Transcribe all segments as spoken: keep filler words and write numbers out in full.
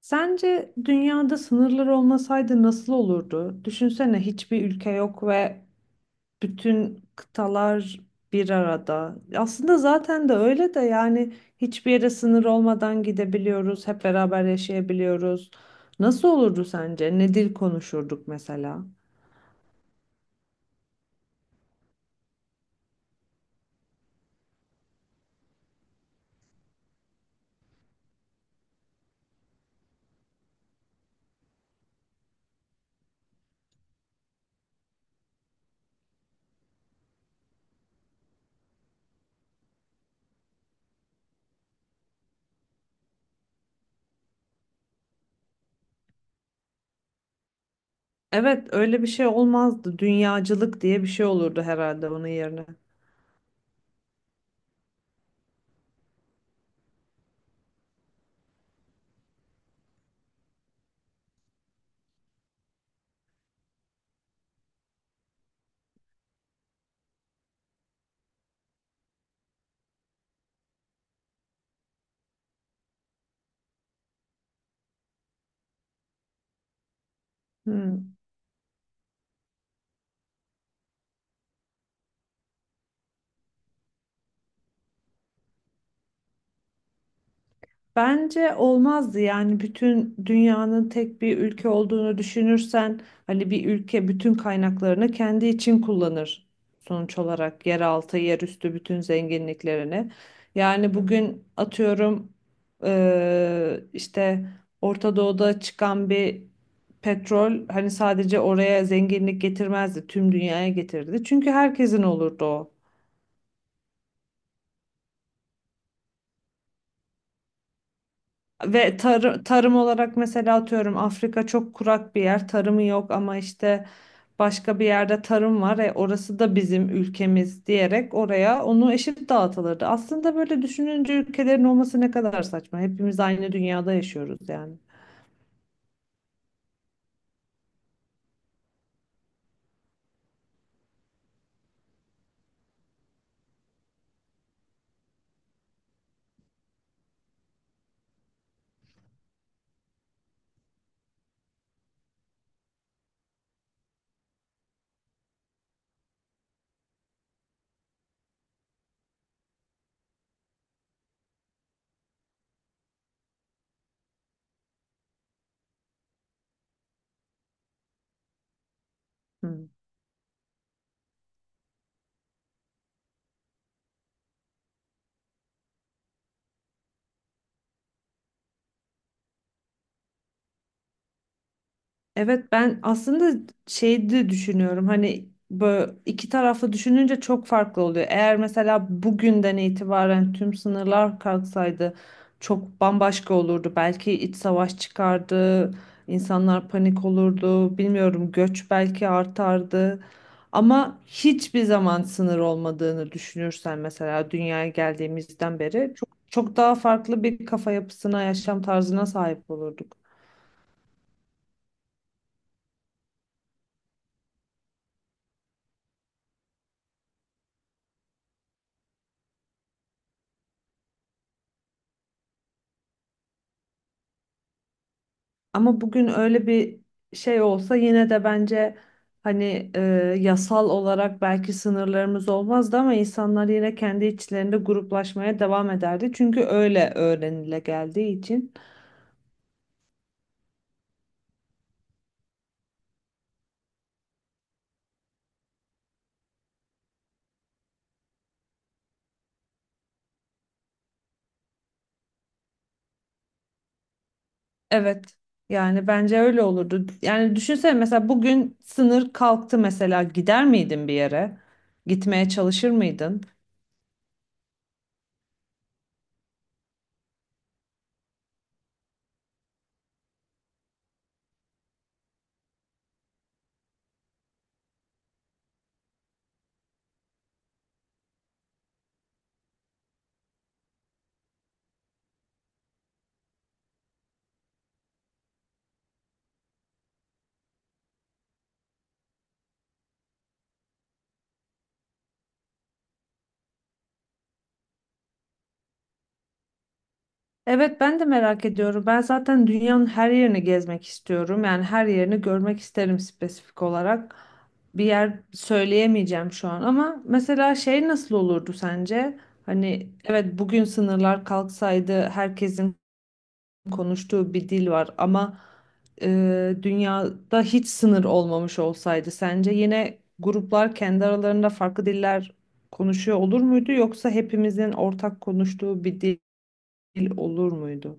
Sence dünyada sınırlar olmasaydı nasıl olurdu? Düşünsene hiçbir ülke yok ve bütün kıtalar bir arada. Aslında zaten de öyle de yani hiçbir yere sınır olmadan gidebiliyoruz, hep beraber yaşayabiliyoruz. Nasıl olurdu sence? Ne dil konuşurduk mesela? Evet, öyle bir şey olmazdı. Dünyacılık diye bir şey olurdu herhalde onun yerine. Hmm. Bence olmazdı yani bütün dünyanın tek bir ülke olduğunu düşünürsen hani bir ülke bütün kaynaklarını kendi için kullanır sonuç olarak yeraltı, yerüstü bütün zenginliklerini. Yani bugün atıyorum eee, işte Orta Doğu'da çıkan bir petrol hani sadece oraya zenginlik getirmezdi, tüm dünyaya getirdi. Çünkü herkesin olurdu o. Ve tarı- tarım olarak mesela atıyorum Afrika çok kurak bir yer, tarımı yok ama işte başka bir yerde tarım var, e orası da bizim ülkemiz diyerek oraya onu eşit dağıtılırdı. Aslında böyle düşününce ülkelerin olması ne kadar saçma. Hepimiz aynı dünyada yaşıyoruz yani. Hı. Evet ben aslında şey de düşünüyorum hani böyle iki taraflı düşününce çok farklı oluyor. Eğer mesela bugünden itibaren tüm sınırlar kalksaydı çok bambaşka olurdu. Belki iç savaş çıkardı, insanlar panik olurdu, bilmiyorum göç belki artardı. Ama hiçbir zaman sınır olmadığını düşünürsen mesela dünyaya geldiğimizden beri çok çok daha farklı bir kafa yapısına, yaşam tarzına sahip olurduk. Ama bugün öyle bir şey olsa yine de bence hani e, yasal olarak belki sınırlarımız olmazdı ama insanlar yine kendi içlerinde gruplaşmaya devam ederdi. Çünkü öyle öğrenile geldiği için. Evet. Yani bence öyle olurdu. Yani düşünsene mesela bugün sınır kalktı mesela gider miydin bir yere? Gitmeye çalışır mıydın? Evet ben de merak ediyorum. Ben zaten dünyanın her yerini gezmek istiyorum. Yani her yerini görmek isterim spesifik olarak. Bir yer söyleyemeyeceğim şu an ama mesela şey nasıl olurdu sence? Hani evet bugün sınırlar kalksaydı herkesin konuştuğu bir dil var ama e, dünyada hiç sınır olmamış olsaydı sence yine gruplar kendi aralarında farklı diller konuşuyor olur muydu yoksa hepimizin ortak konuştuğu bir dil olur muydu?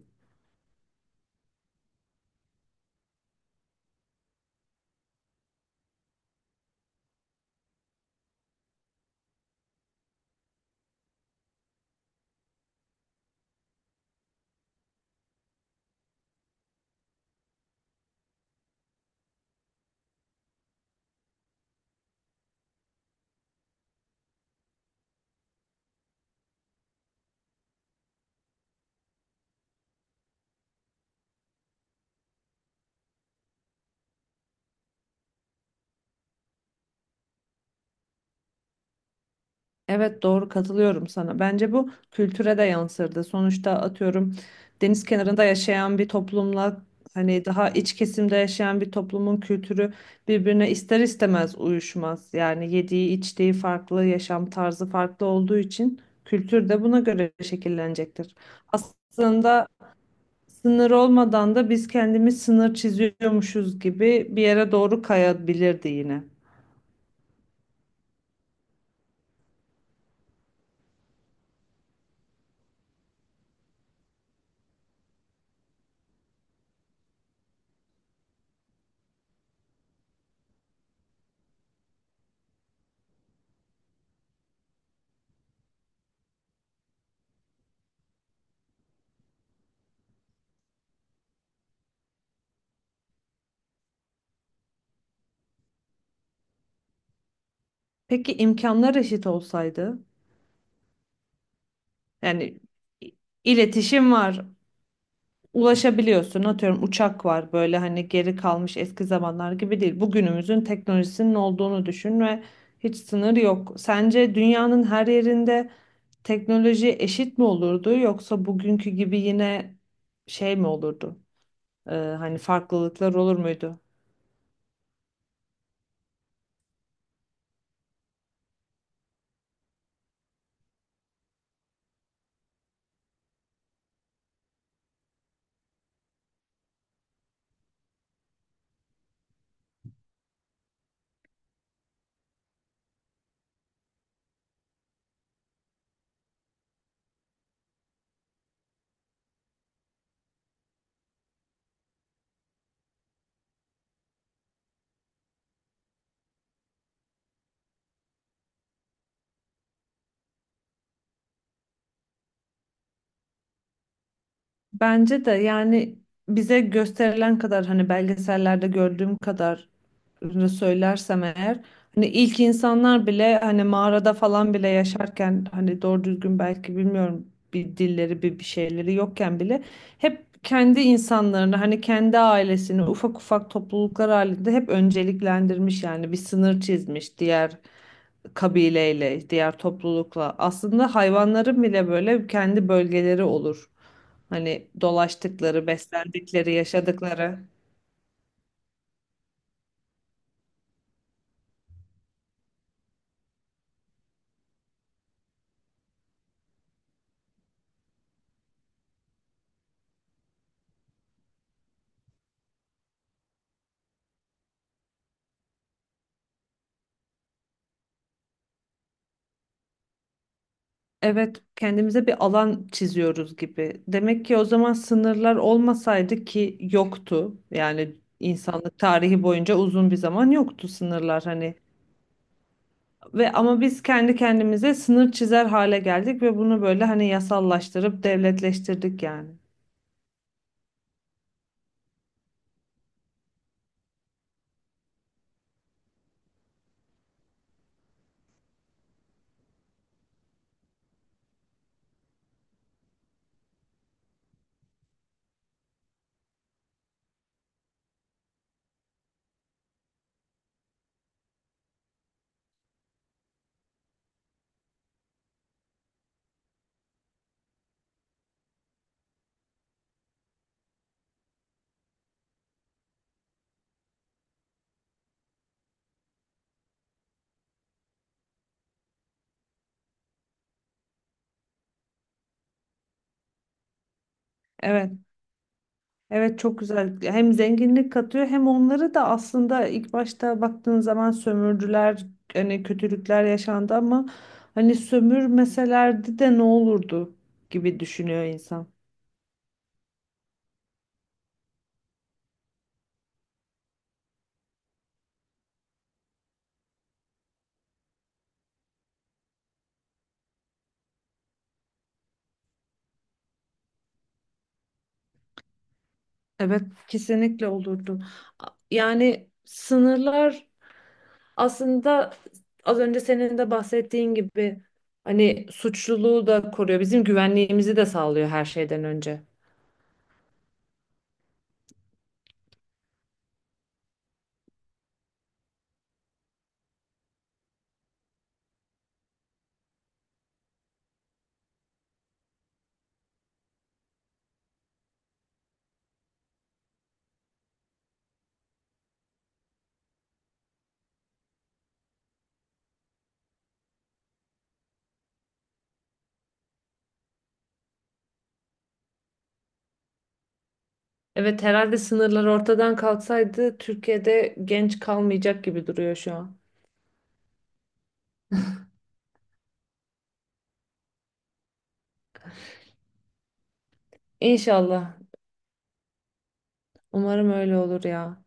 Evet doğru katılıyorum sana. Bence bu kültüre de yansırdı. Sonuçta atıyorum deniz kenarında yaşayan bir toplumla hani daha iç kesimde yaşayan bir toplumun kültürü birbirine ister istemez uyuşmaz. Yani yediği içtiği farklı, yaşam tarzı farklı olduğu için kültür de buna göre şekillenecektir. Aslında sınır olmadan da biz kendimiz sınır çiziyormuşuz gibi bir yere doğru kayabilirdi yine. Peki imkanlar eşit olsaydı? Yani i- iletişim var, ulaşabiliyorsun. Atıyorum uçak var böyle hani geri kalmış eski zamanlar gibi değil. Bugünümüzün teknolojisinin olduğunu düşün ve hiç sınır yok. Sence dünyanın her yerinde teknoloji eşit mi olurdu yoksa bugünkü gibi yine şey mi olurdu? Ee, hani farklılıklar olur muydu? Bence de yani bize gösterilen kadar hani belgesellerde gördüğüm kadar söylersem eğer hani ilk insanlar bile hani mağarada falan bile yaşarken hani doğru düzgün belki bilmiyorum bir dilleri bir bir şeyleri yokken bile hep kendi insanlarını hani kendi ailesini ufak ufak topluluklar halinde hep önceliklendirmiş yani bir sınır çizmiş diğer kabileyle, diğer toplulukla. Aslında hayvanların bile böyle kendi bölgeleri olur. Hani dolaştıkları, beslendikleri, yaşadıkları. Evet, kendimize bir alan çiziyoruz gibi. Demek ki o zaman sınırlar olmasaydı ki yoktu. Yani insanlık tarihi boyunca uzun bir zaman yoktu sınırlar hani. Ve ama biz kendi kendimize sınır çizer hale geldik ve bunu böyle hani yasallaştırıp devletleştirdik yani. Evet. Evet çok güzel. Hem zenginlik katıyor hem onları da aslında ilk başta baktığın zaman sömürdüler, hani kötülükler yaşandı ama hani sömürmeselerdi de ne olurdu gibi düşünüyor insan. Evet kesinlikle olurdu. A- Yani sınırlar aslında az önce senin de bahsettiğin gibi hani suçluluğu da koruyor. Bizim güvenliğimizi de sağlıyor her şeyden önce. Evet herhalde sınırlar ortadan kalksaydı Türkiye'de genç kalmayacak gibi duruyor şu an. İnşallah. Umarım öyle olur ya.